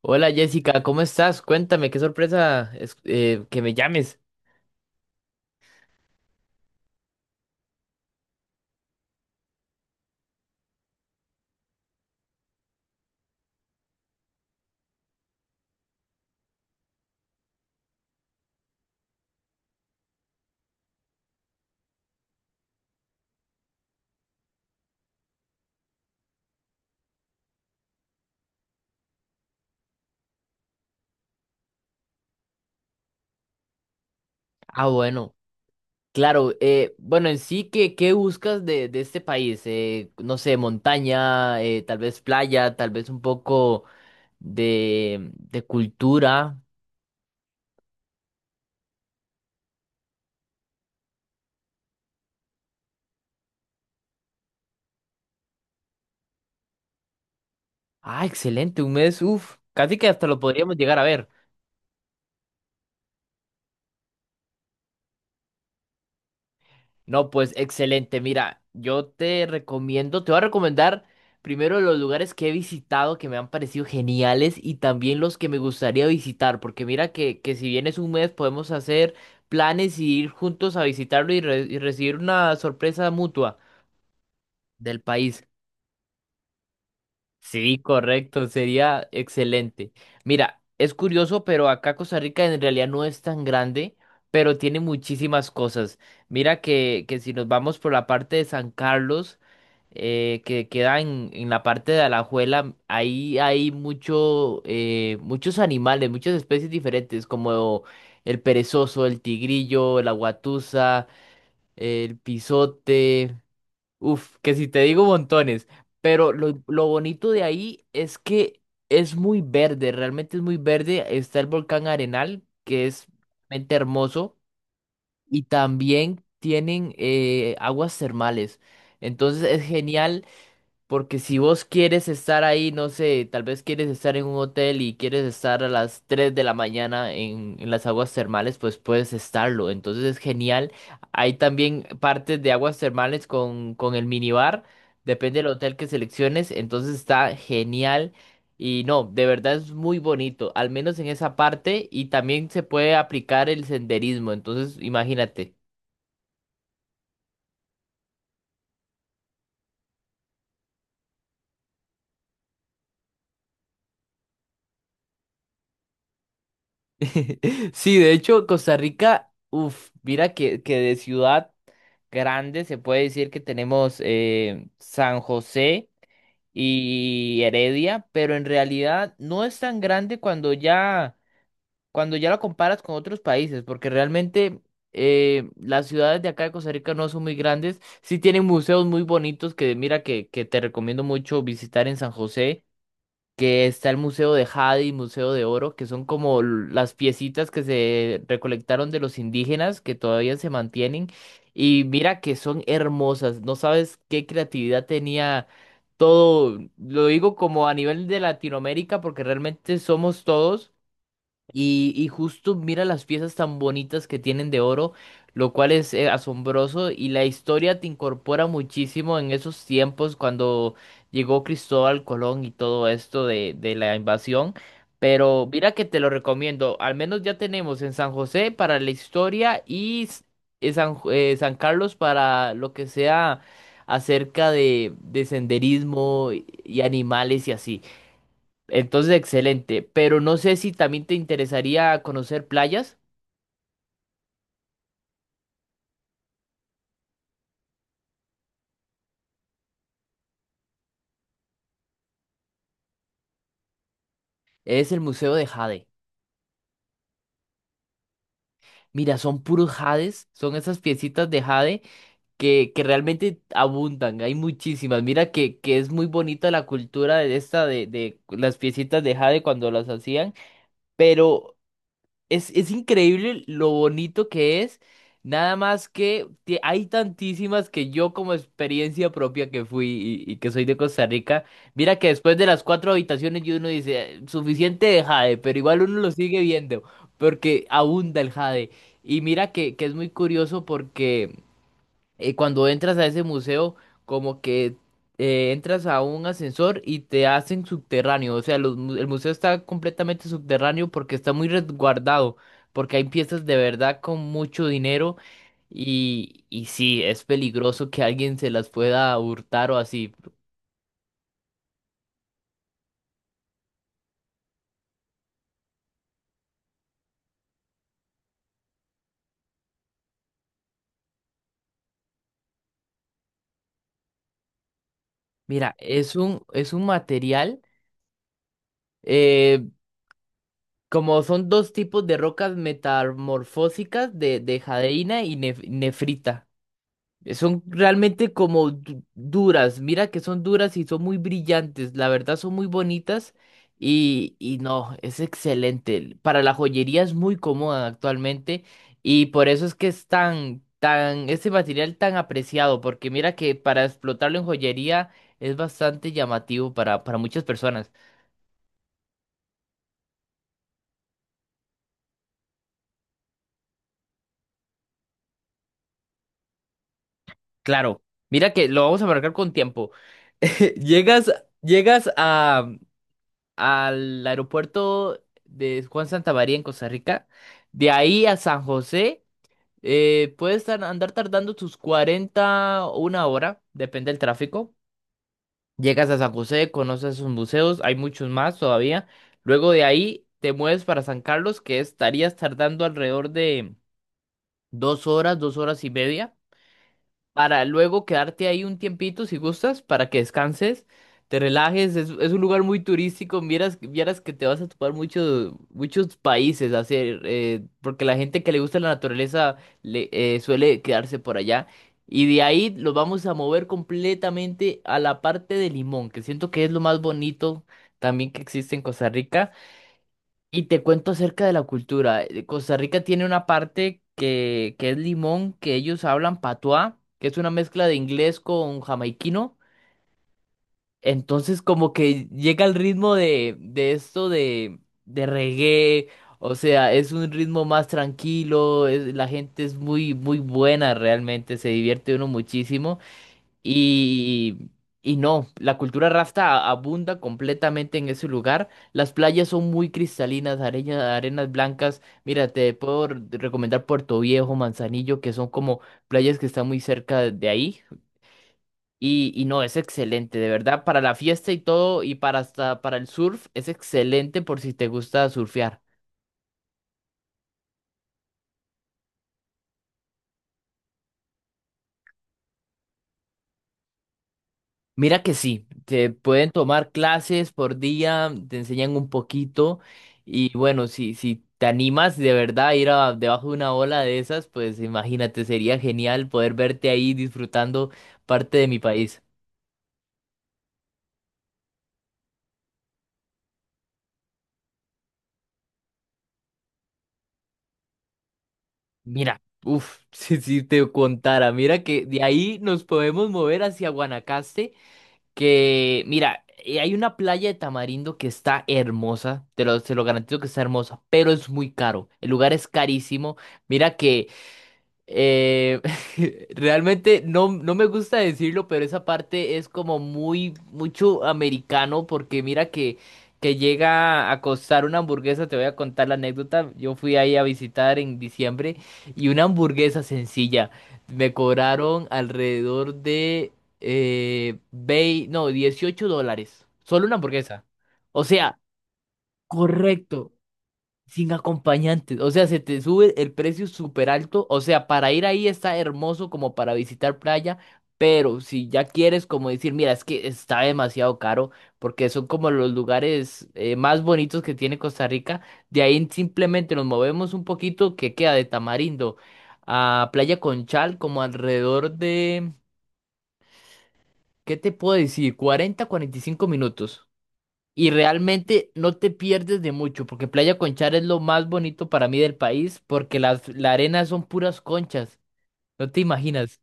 Hola Jessica, ¿cómo estás? Cuéntame, qué sorpresa que me llames. Ah, bueno, claro. Bueno, en sí, ¿qué buscas de este país? No sé, montaña, tal vez playa, tal vez un poco de cultura. Ah, excelente, un mes, uff, casi que hasta lo podríamos llegar a ver. No, pues excelente. Mira, te voy a recomendar primero los lugares que he visitado que me han parecido geniales y también los que me gustaría visitar, porque mira que si vienes un mes podemos hacer planes y ir juntos a visitarlo y recibir una sorpresa mutua del país. Sí, correcto, sería excelente. Mira, es curioso, pero acá Costa Rica en realidad no es tan grande, pero tiene muchísimas cosas. Mira que si nos vamos por la parte de San Carlos, que queda en la parte de Alajuela, ahí hay muchos animales, muchas especies diferentes, como el perezoso, el tigrillo, la guatusa, el pisote. Uf, que si te digo montones, pero lo bonito de ahí es que es muy verde, realmente es muy verde. Está el volcán Arenal, que es realmente hermoso, y también tienen aguas termales. Entonces es genial porque si vos quieres estar ahí, no sé, tal vez quieres estar en un hotel y quieres estar a las 3 de la mañana en las aguas termales, pues puedes estarlo. Entonces es genial. Hay también partes de aguas termales con el minibar, depende del hotel que selecciones. Entonces está genial. Y no, de verdad es muy bonito, al menos en esa parte. Y también se puede aplicar el senderismo. Entonces, imagínate. Sí, de hecho, Costa Rica, uff, mira que de ciudad grande se puede decir que tenemos San José y Heredia, pero en realidad no es tan grande cuando ya lo comparas con otros países, porque realmente las ciudades de acá de Costa Rica no son muy grandes, sí tienen museos muy bonitos que mira que te recomiendo mucho visitar en San José que está el Museo de Jade y Museo de Oro, que son como las piecitas que se recolectaron de los indígenas que todavía se mantienen. Y mira que son hermosas, no sabes qué creatividad tenía todo, lo digo como a nivel de Latinoamérica, porque realmente somos todos. Y justo mira las piezas tan bonitas que tienen de oro, lo cual es asombroso y la historia te incorpora muchísimo en esos tiempos cuando llegó Cristóbal Colón y todo esto de la invasión. Pero mira que te lo recomiendo, al menos ya tenemos en San José para la historia y San Carlos para lo que sea acerca de senderismo y animales y así. Entonces, excelente. Pero no sé si también te interesaría conocer playas. Es el Museo de Jade. Mira, son puros jades, son esas piecitas de jade que realmente abundan, hay muchísimas. Mira que es muy bonita la cultura de de las piecitas de jade cuando las hacían, pero es increíble lo bonito que es, nada más que hay tantísimas que yo como experiencia propia que fui y que soy de Costa Rica, mira que después de las 4 habitaciones y uno dice, suficiente de jade", pero igual uno lo sigue viendo porque abunda el jade. Y mira que es muy curioso porque cuando entras a ese museo, como que entras a un ascensor y te hacen subterráneo. O sea, los el museo está completamente subterráneo porque está muy resguardado, porque hay piezas de verdad con mucho dinero y sí, es peligroso que alguien se las pueda hurtar o así. Mira, es un material, eh, como son dos tipos de rocas metamorfósicas de jadeína y nefrita. Son realmente como duras, mira que son duras y son muy brillantes, la verdad son muy bonitas y no, es excelente. Para la joyería es muy cómoda actualmente y por eso es que es este material tan apreciado, porque mira que para explotarlo en joyería es bastante llamativo para muchas personas. Claro, mira que lo vamos a marcar con tiempo. Llegas, llegas a al aeropuerto de Juan Santamaría en Costa Rica. De ahí a San José, puedes andar tardando tus 40 o una hora, depende del tráfico. Llegas a San José, conoces sus museos, hay muchos más todavía. Luego de ahí te mueves para San Carlos, que estarías tardando alrededor de 2 horas, 2 horas y media para luego quedarte ahí un tiempito si gustas, para que descanses, te relajes, es un lugar muy turístico, vieras que te vas a topar muchos países a hacer, porque la gente que le gusta la naturaleza suele quedarse por allá. Y de ahí los vamos a mover completamente a la parte de Limón, que siento que es lo más bonito también que existe en Costa Rica. Y te cuento acerca de la cultura. Costa Rica tiene una parte que es Limón, que ellos hablan patuá, que es una mezcla de inglés con jamaiquino. Entonces como que llega el ritmo de esto de reggae. O sea, es un ritmo más tranquilo, la gente es muy, muy buena realmente, se divierte uno muchísimo. Y, y no, la cultura rasta abunda completamente en ese lugar. Las playas son muy cristalinas, arenas blancas. Mira, te puedo recomendar Puerto Viejo, Manzanillo, que son como playas que están muy cerca de ahí. Y no, es excelente, de verdad, para la fiesta y todo, y para hasta para el surf, es excelente por si te gusta surfear. Mira que sí, te pueden tomar clases por día, te enseñan un poquito y bueno, si te animas de verdad a ir debajo de una ola de esas, pues imagínate, sería genial poder verte ahí disfrutando parte de mi país. Mira, uff, si te contara, mira que de ahí nos podemos mover hacia Guanacaste, que mira, hay una playa de Tamarindo que está hermosa, se lo garantizo que está hermosa, pero es muy caro, el lugar es carísimo. Mira que Eh, realmente no me gusta decirlo, pero esa parte es como muy, mucho americano, porque mira que llega a costar una hamburguesa, te voy a contar la anécdota, yo fui ahí a visitar en diciembre y una hamburguesa sencilla, me cobraron alrededor de, no, 18 dólares, solo una hamburguesa. O sea, correcto, sin acompañantes, o sea, se te sube el precio súper alto, o sea, para ir ahí está hermoso como para visitar playa, pero si ya quieres como decir, mira, es que está demasiado caro, porque son como los lugares más bonitos que tiene Costa Rica, de ahí simplemente nos movemos un poquito que queda de Tamarindo a Playa Conchal como alrededor de, ¿qué te puedo decir? 40, 45 minutos. Y realmente no te pierdes de mucho, porque Playa Conchar es lo más bonito para mí del país, porque la arena son puras conchas, no te imaginas.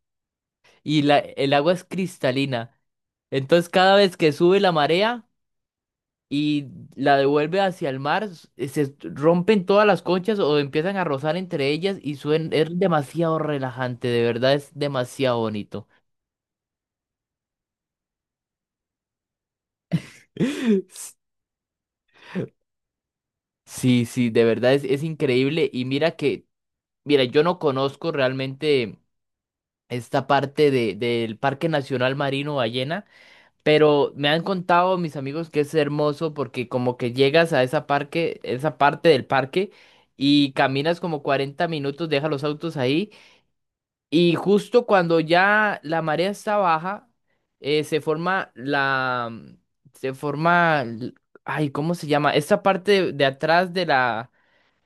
Y el agua es cristalina. Entonces cada vez que sube la marea y la devuelve hacia el mar, se rompen todas las conchas o empiezan a rozar entre ellas es demasiado relajante, de verdad es demasiado bonito. Sí, sí, de verdad es increíble. Y mira, yo no conozco realmente. Esta parte del Parque Nacional Marino Ballena, pero me han contado mis amigos que es hermoso porque como que llegas a esa parte del parque y caminas como 40 minutos, dejas los autos ahí y justo cuando ya la marea está baja, eh, se forma la, se forma, ay, ¿cómo se llama? Esta parte de atrás de la,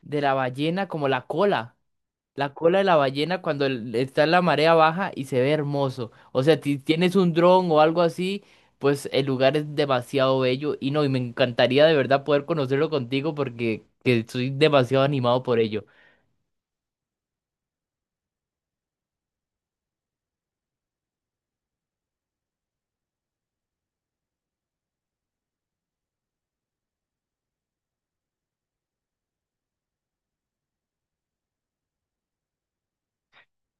de la ballena como la cola. La cola de la ballena cuando está en la marea baja y se ve hermoso. O sea, si tienes un dron o algo así, pues el lugar es demasiado bello. Y no, y me encantaría de verdad poder conocerlo contigo porque que estoy demasiado animado por ello.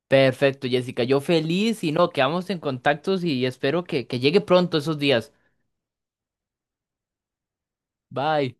Perfecto, Jessica. Yo feliz y no, quedamos en contactos y espero que llegue pronto esos días. Bye.